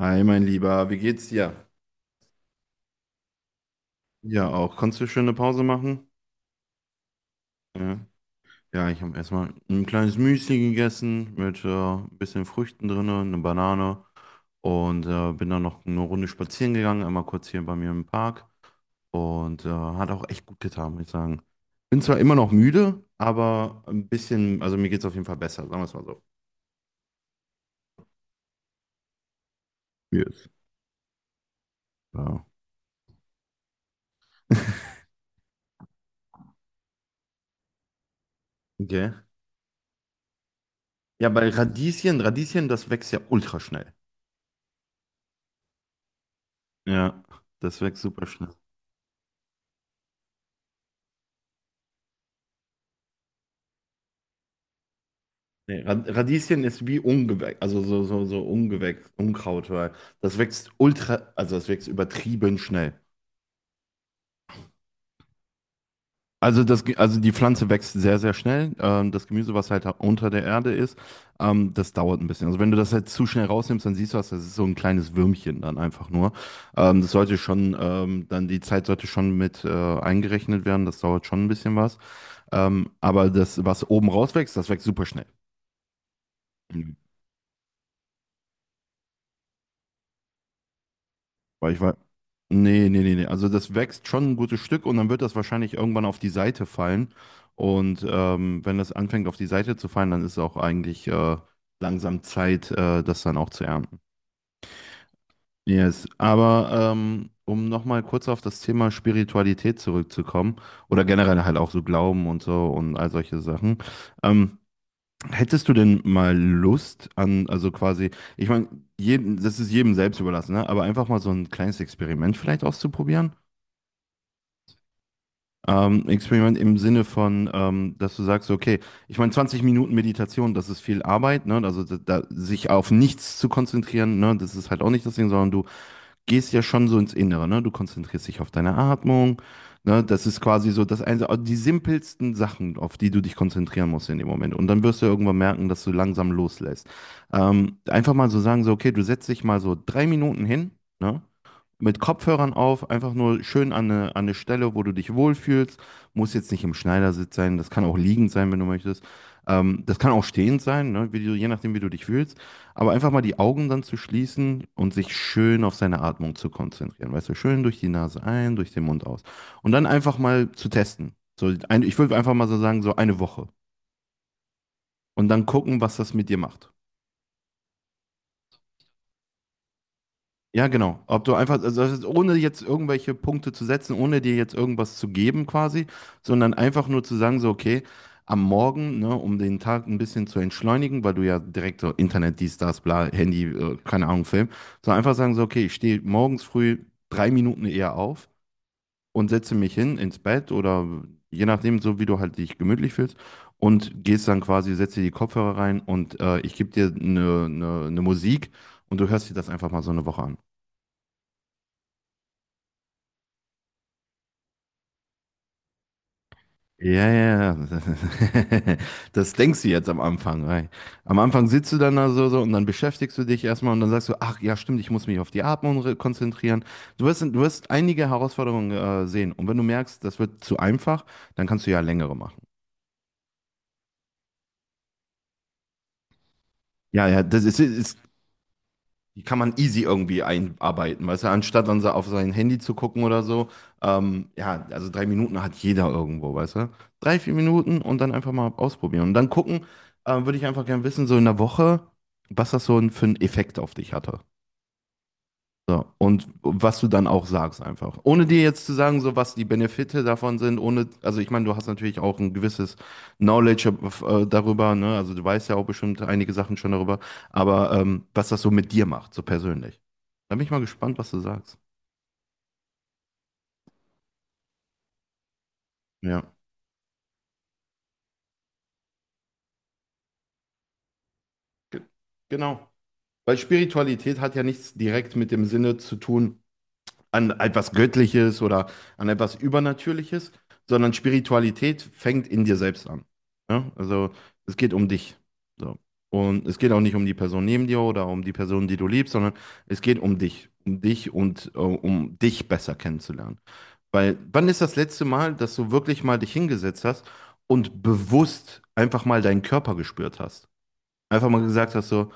Hi, mein Lieber, wie geht's dir? Ja, auch. Konntest du schöne Pause machen? Ja, ja, ich habe erstmal ein kleines Müsli gegessen mit ein bisschen Früchten drin, eine Banane und bin dann noch eine Runde spazieren gegangen, einmal kurz hier bei mir im Park und hat auch echt gut getan, muss ich sagen. Bin zwar immer noch müde, aber ein bisschen, also mir geht's auf jeden Fall besser, sagen wir es mal so. Yes. Ja. Okay. Ja, bei Radieschen, Radieschen, das wächst ja ultra schnell. Ja, das wächst super schnell. Nee, Radieschen ist wie Ungewächs, also so Ungewächs, Unkraut, weil das wächst ultra, also das wächst übertrieben schnell. Also, die Pflanze wächst sehr, sehr schnell. Das Gemüse, was halt unter der Erde ist, das dauert ein bisschen. Also wenn du das halt zu schnell rausnimmst, dann siehst du das, das ist so ein kleines Würmchen dann einfach nur. Das sollte schon, dann die Zeit sollte schon mit eingerechnet werden, das dauert schon ein bisschen was. Aber das, was oben rauswächst, das wächst super schnell. Weil ich war. Nee, nee, nee, nee. Also das wächst schon ein gutes Stück und dann wird das wahrscheinlich irgendwann auf die Seite fallen. Und wenn das anfängt auf die Seite zu fallen, dann ist auch eigentlich langsam Zeit, das dann auch zu ernten. Yes. Aber um nochmal kurz auf das Thema Spiritualität zurückzukommen oder generell halt auch so Glauben und so und all solche Sachen. Ähm, Hättest du denn mal Lust also quasi, ich meine, jedem, das ist jedem selbst überlassen, ne? Aber einfach mal so ein kleines Experiment vielleicht auszuprobieren? Experiment im Sinne von, dass du sagst, okay, ich meine, 20 Minuten Meditation, das ist viel Arbeit, ne? Also sich auf nichts zu konzentrieren, ne? Das ist halt auch nicht das Ding, sondern du gehst ja schon so ins Innere, ne? Du konzentrierst dich auf deine Atmung, ne? Das ist quasi so das eine, die simpelsten Sachen, auf die du dich konzentrieren musst in dem Moment. Und dann wirst du ja irgendwann merken, dass du langsam loslässt. Einfach mal so sagen, so, okay, du setzt dich mal so 3 Minuten hin, ne? Mit Kopfhörern auf, einfach nur schön an eine Stelle, wo du dich wohlfühlst. Muss jetzt nicht im Schneidersitz sein, das kann auch liegend sein, wenn du möchtest. Das kann auch stehend sein, ne? Wie du, je nachdem, wie du dich fühlst. Aber einfach mal die Augen dann zu schließen und sich schön auf seine Atmung zu konzentrieren. Weißt du, schön durch die Nase ein, durch den Mund aus. Und dann einfach mal zu testen. So ein, ich würde einfach mal so sagen, so eine Woche. Und dann gucken, was das mit dir macht. Ja, genau. Ob du einfach, also das ist, ohne jetzt irgendwelche Punkte zu setzen, ohne dir jetzt irgendwas zu geben quasi, sondern einfach nur zu sagen, so, okay, am Morgen, ne, um den Tag ein bisschen zu entschleunigen, weil du ja direkt so Internet, dies, das, bla, Handy, keine Ahnung, Film, so einfach sagen, so, okay, ich stehe morgens früh 3 Minuten eher auf und setze mich hin ins Bett oder je nachdem, so wie du halt dich gemütlich fühlst und gehst dann quasi, setzt dir die Kopfhörer rein und ich gebe dir eine Musik und du hörst dir das einfach mal so eine Woche an. Ja, ja, ja. Das denkst du jetzt am Anfang. Weil am Anfang sitzt du dann da so, so und dann beschäftigst du dich erstmal und dann sagst du, ach ja, stimmt, ich muss mich auf die Atmung konzentrieren. Du wirst einige Herausforderungen sehen und wenn du merkst, das wird zu einfach, dann kannst du ja längere machen. Ja, ja, das ist die kann man easy irgendwie einarbeiten, weißt du, anstatt dann so auf sein Handy zu gucken oder so. Ja, also 3 Minuten hat jeder irgendwo, weißt du. 3, 4 Minuten und dann einfach mal ausprobieren. Und dann gucken, würde ich einfach gerne wissen, so in der Woche, was das so für einen Effekt auf dich hatte. So, und was du dann auch sagst einfach. Ohne dir jetzt zu sagen, so was die Benefite davon sind, ohne, also ich meine, du hast natürlich auch ein gewisses Knowledge darüber, ne? Also du weißt ja auch bestimmt einige Sachen schon darüber, aber was das so mit dir macht, so persönlich. Da bin ich mal gespannt, was du sagst. Ja. Ge- Genau. Weil Spiritualität hat ja nichts direkt mit dem Sinne zu tun, an etwas Göttliches oder an etwas Übernatürliches, sondern Spiritualität fängt in dir selbst an. Ja? Also es geht um dich. So. Und es geht auch nicht um die Person neben dir oder um die Person, die du liebst, sondern es geht um dich. Um dich und um dich besser kennenzulernen. Weil wann ist das letzte Mal, dass du wirklich mal dich hingesetzt hast und bewusst einfach mal deinen Körper gespürt hast? Einfach mal gesagt hast so,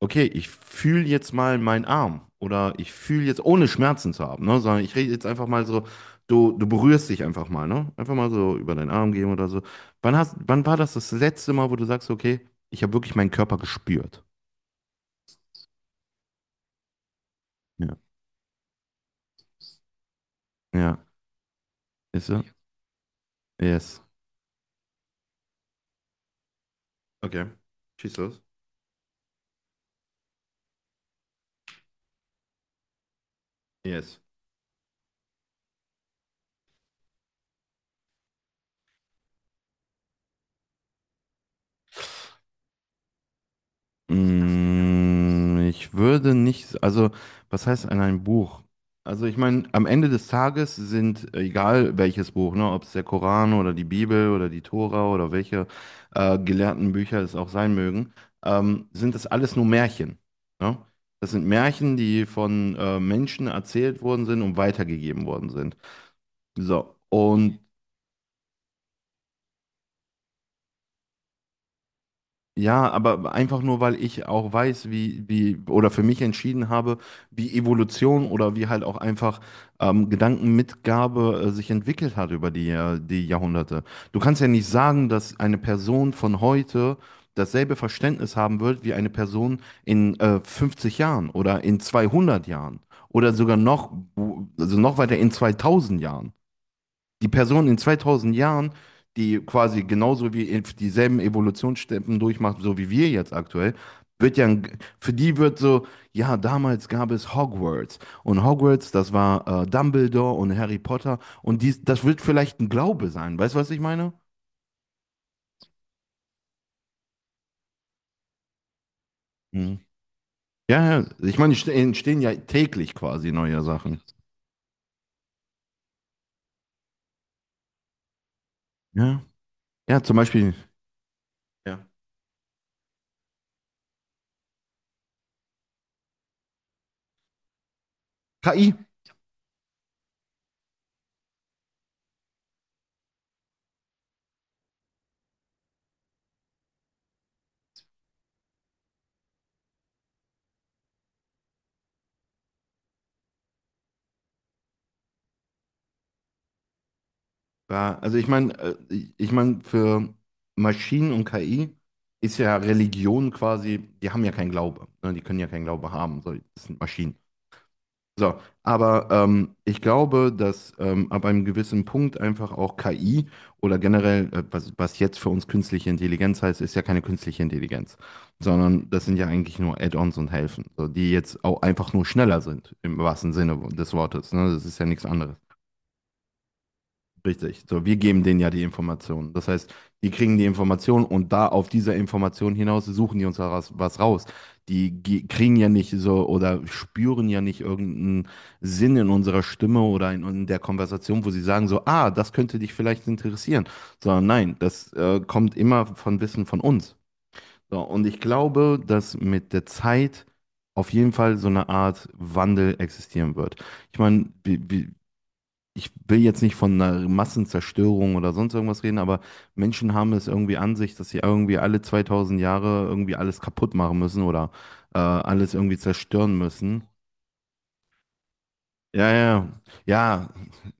okay, ich fühle jetzt mal meinen Arm oder ich fühle jetzt, ohne Schmerzen zu haben, ne, sondern ich rede jetzt einfach mal so, du berührst dich einfach mal, ne? Einfach mal so über deinen Arm gehen oder so. Wann war das letzte Mal, wo du sagst, okay, ich habe wirklich meinen Körper gespürt? Ja. Ja, ist so? Yes. Okay. Schieß los. Yes. Ich würde nicht, also was heißt an ein Buch? Also ich meine, am Ende des Tages sind, egal welches Buch, ne, ob es der Koran oder die Bibel oder die Tora oder welche gelehrten Bücher es auch sein mögen, sind das alles nur Märchen. Ne? Das sind Märchen, die von Menschen erzählt worden sind und weitergegeben worden sind. So, und ja, aber einfach nur, weil ich auch weiß, oder für mich entschieden habe, wie Evolution oder wie halt auch einfach Gedankenmitgabe sich entwickelt hat über die Jahrhunderte. Du kannst ja nicht sagen, dass eine Person von heute dasselbe Verständnis haben wird wie eine Person in 50 Jahren oder in 200 Jahren oder sogar noch, also noch weiter in 2000 Jahren die Person in 2000 Jahren, die quasi genauso wie dieselben Evolutionsstufen durchmacht, so wie wir jetzt aktuell, wird ja, für die wird so, ja, damals gab es Hogwarts und Hogwarts, das war Dumbledore und Harry Potter und dies, das wird vielleicht ein Glaube sein, weißt du, was ich meine? Mhm. Ja, ja, ich meine, entstehen ja täglich quasi neue Sachen. Ja, ja, zum Beispiel, ja. KI. Ja, also ich meine, für Maschinen und KI ist ja Religion quasi, die haben ja keinen Glaube, ne? Die können ja keinen Glaube haben, so, das sind Maschinen. So, aber ich glaube, dass ab einem gewissen Punkt einfach auch KI oder generell, was, was jetzt für uns künstliche Intelligenz heißt, ist ja keine künstliche Intelligenz, sondern das sind ja eigentlich nur Add-ons und Helfen, so, die jetzt auch einfach nur schneller sind, im wahrsten Sinne des Wortes, ne? Das ist ja nichts anderes. Richtig. So, wir geben denen ja die Informationen. Das heißt, die kriegen die Informationen und da auf dieser Information hinaus suchen die uns da was, was raus. Die kriegen ja nicht so oder spüren ja nicht irgendeinen Sinn in unserer Stimme oder in der Konversation, wo sie sagen so, ah, das könnte dich vielleicht interessieren. Sondern nein, das kommt immer von Wissen von uns. So, und ich glaube, dass mit der Zeit auf jeden Fall so eine Art Wandel existieren wird. Ich meine, wir, ich will jetzt nicht von einer Massenzerstörung oder sonst irgendwas reden, aber Menschen haben es irgendwie an sich, dass sie irgendwie alle 2000 Jahre irgendwie alles kaputt machen müssen oder alles irgendwie zerstören müssen. Ja, ja, ja,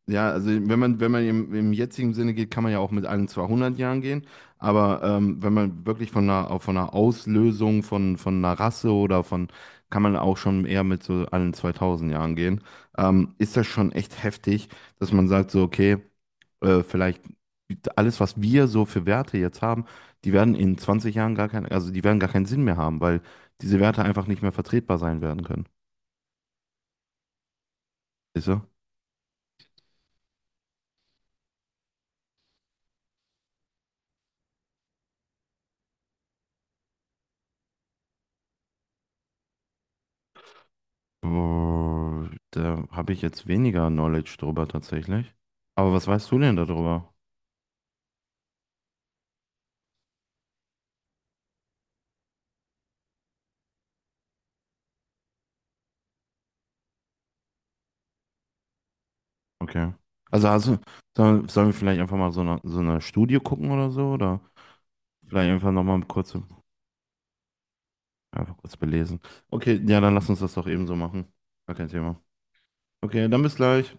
ja, also wenn man, im, im jetzigen Sinne geht, kann man ja auch mit allen 200 Jahren gehen, aber wenn man wirklich von einer, auch von einer Auslösung von einer Rasse kann man auch schon eher mit so allen 2000 Jahren gehen, ist das schon echt heftig, dass man sagt so, okay, vielleicht alles, was wir so für Werte jetzt haben, die werden in 20 Jahren gar keinen, also die werden gar keinen Sinn mehr haben, weil diese Werte einfach nicht mehr vertretbar sein werden können. Ist so. Boah, da habe ich jetzt weniger Knowledge drüber tatsächlich. Aber was weißt du denn darüber? Okay. Also, sollen wir vielleicht einfach mal so eine Studie gucken oder so? Oder vielleicht einfach nochmal kurz, einfach kurz belesen. Okay, ja, dann lass uns das doch eben so machen. Gar kein Thema. Okay, dann bis gleich.